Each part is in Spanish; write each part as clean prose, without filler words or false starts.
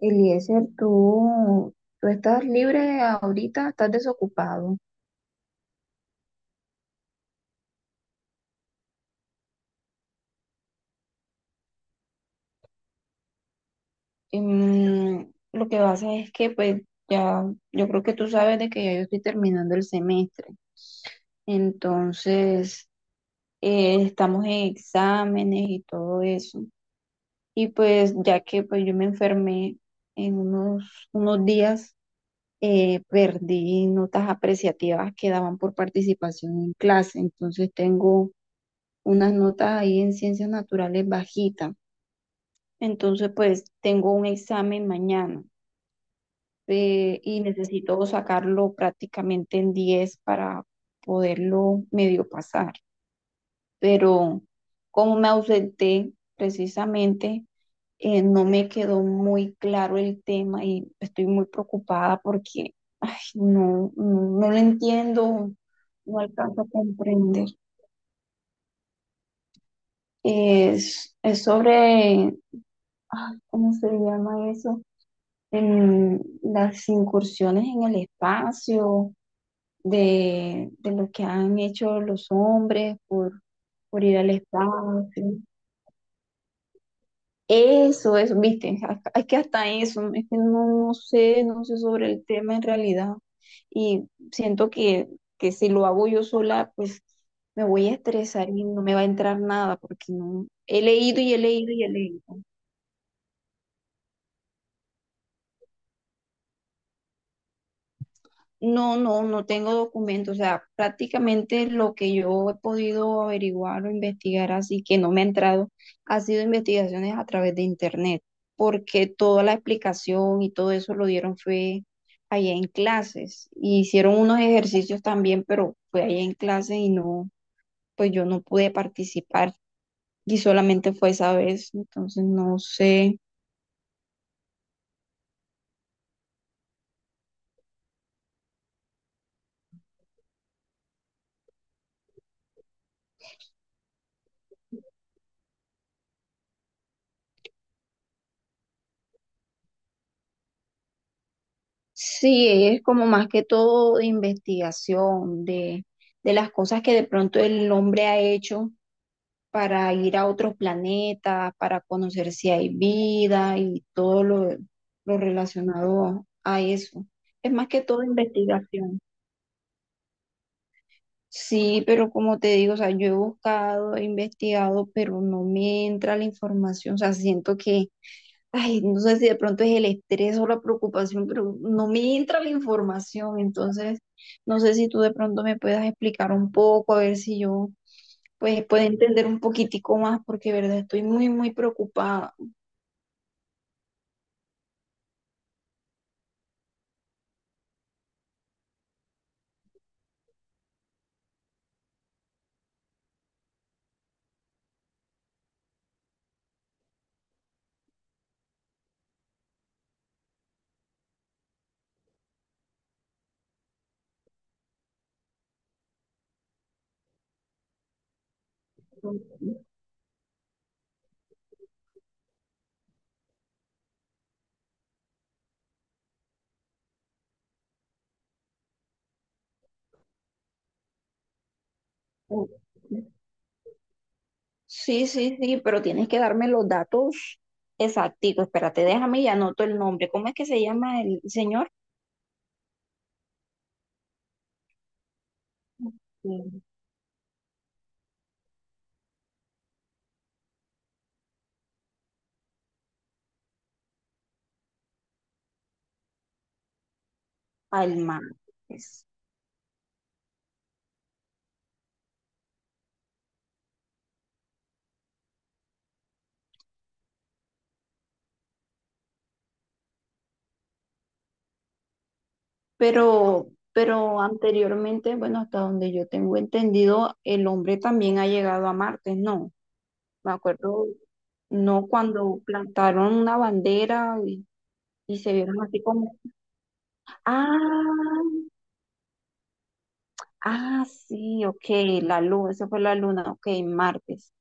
Eliezer, tú estás libre ahorita, estás desocupado. Lo que pasa es que, pues, ya, yo creo que tú sabes de que ya yo estoy terminando el semestre. Entonces, estamos en exámenes y todo eso. Y pues, ya que pues yo me enfermé en unos días, perdí notas apreciativas que daban por participación en clase. Entonces, tengo unas notas ahí en ciencias naturales bajitas. Entonces, pues tengo un examen mañana, y necesito sacarlo prácticamente en 10 para poderlo medio pasar. Pero como me ausenté precisamente, no me quedó muy claro el tema y estoy muy preocupada porque ay, no, no, no lo entiendo, no alcanzo a comprender. Es sobre, ay, ¿cómo se llama eso? En las incursiones en el espacio, de lo que han hecho los hombres por ir al espacio. Eso, viste, es que hasta eso, es que no, no sé, no sé sobre el tema en realidad. Y siento que si lo hago yo sola, pues me voy a estresar y no me va a entrar nada, porque no, he leído y he leído y he leído. No, no, no tengo documentos, o sea, prácticamente lo que yo he podido averiguar o investigar así que no me ha entrado ha sido investigaciones a través de internet, porque toda la explicación y todo eso lo dieron fue allá en clases, y hicieron unos ejercicios también, pero fue allá en clases y no, pues yo no pude participar y solamente fue esa vez, entonces no sé. Sí, es como más que todo de investigación, de las cosas que de pronto el hombre ha hecho para ir a otros planetas, para conocer si hay vida y todo lo relacionado a eso. Es más que todo investigación. Sí, pero como te digo, o sea, yo he buscado, he investigado, pero no me entra la información. O sea, siento que, ay, no sé si de pronto es el estrés o la preocupación, pero no me entra la información, entonces no sé si tú de pronto me puedas explicar un poco, a ver si yo pues puedo entender un poquitico más, porque de verdad estoy muy, muy preocupada. Sí, sí, sí, pero tienes que darme los datos exactos. Espérate, déjame y anoto el nombre. ¿Cómo es que se llama el señor? Sí. Alma. Pero, pero anteriormente, bueno, hasta donde yo tengo entendido, el hombre también ha llegado a Marte, ¿no? Me acuerdo, no cuando plantaron una bandera y se vieron así como, ah, ah, sí, ok, la luna, esa fue la luna, ok, Martes.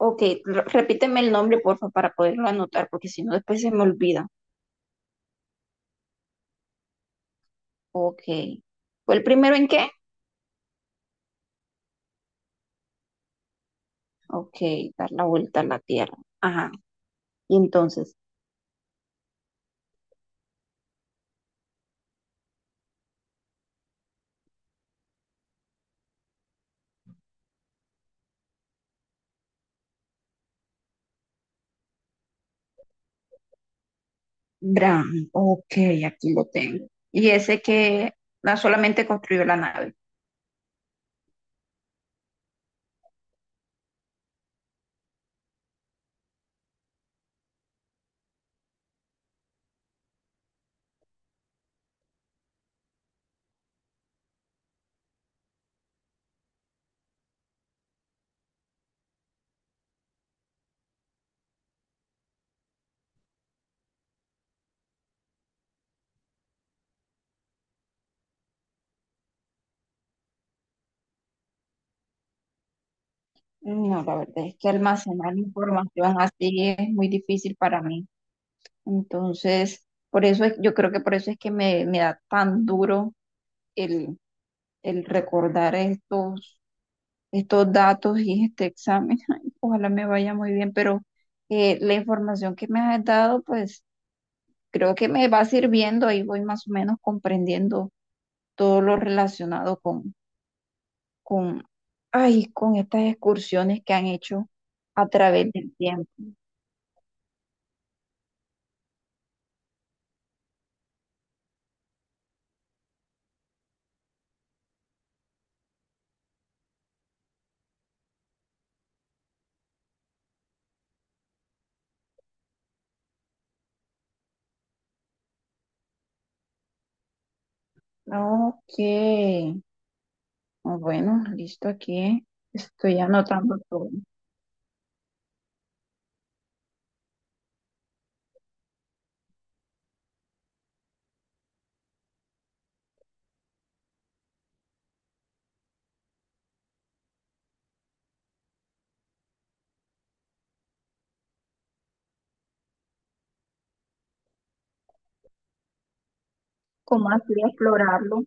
Ok, repíteme el nombre, porfa, para poderlo anotar, porque si no después se me olvida. Ok. ¿Fue el primero en qué? Ok, dar la vuelta a la Tierra. Ajá. Y entonces. Bran, ok, aquí lo tengo. Y ese que no solamente construyó la nave. No, la verdad es que almacenar información así es muy difícil para mí. Entonces, por eso yo creo que por eso es que me da tan duro el, el recordar estos datos y este examen. Ay, ojalá me vaya muy bien, pero la información que me has dado, pues creo que me va sirviendo. Ahí voy más o menos comprendiendo todo lo relacionado con, ay, con estas excursiones que han hecho a través del tiempo. Ok, ah, bueno, listo aquí. Estoy anotando todo. ¿Cómo así explorarlo?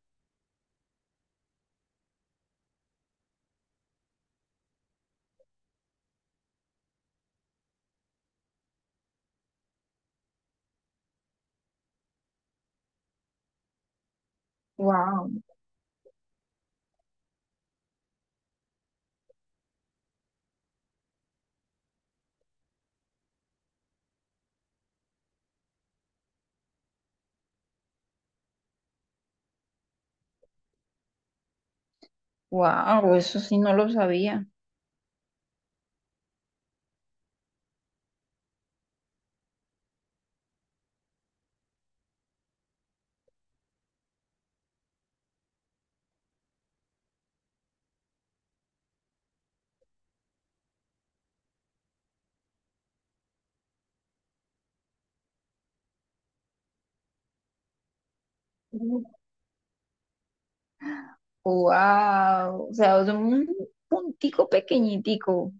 Wow, wow, eso sí no lo sabía. Wow, o sea, es un puntico pequeñitico.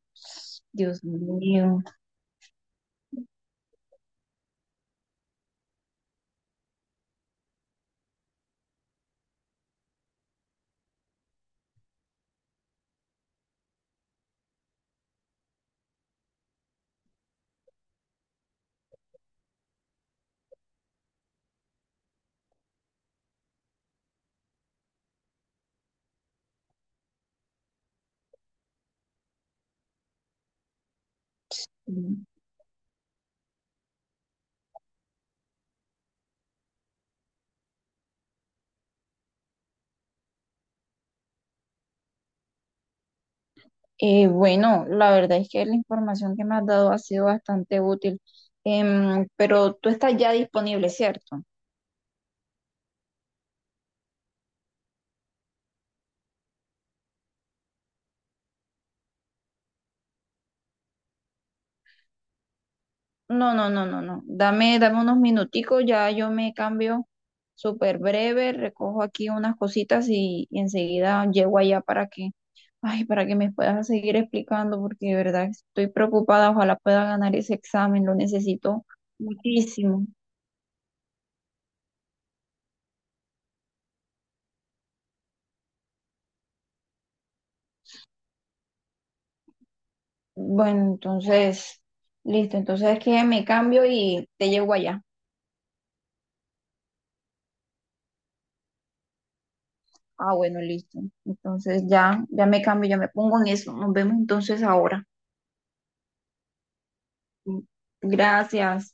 Dios mío. Bueno, la verdad es que la información que me has dado ha sido bastante útil. Pero tú estás ya disponible, ¿cierto? No, no, no, no, no. Dame, dame unos minuticos, ya yo me cambio súper breve, recojo aquí unas cositas y enseguida llego allá para que, ay, para que me puedas seguir explicando, porque de verdad estoy preocupada, ojalá pueda ganar ese examen, lo necesito muchísimo. Bueno, entonces, listo, entonces es que me cambio y te llego allá. Ah, bueno, listo. Entonces ya me cambio, ya me pongo en eso. Nos vemos entonces ahora. Gracias.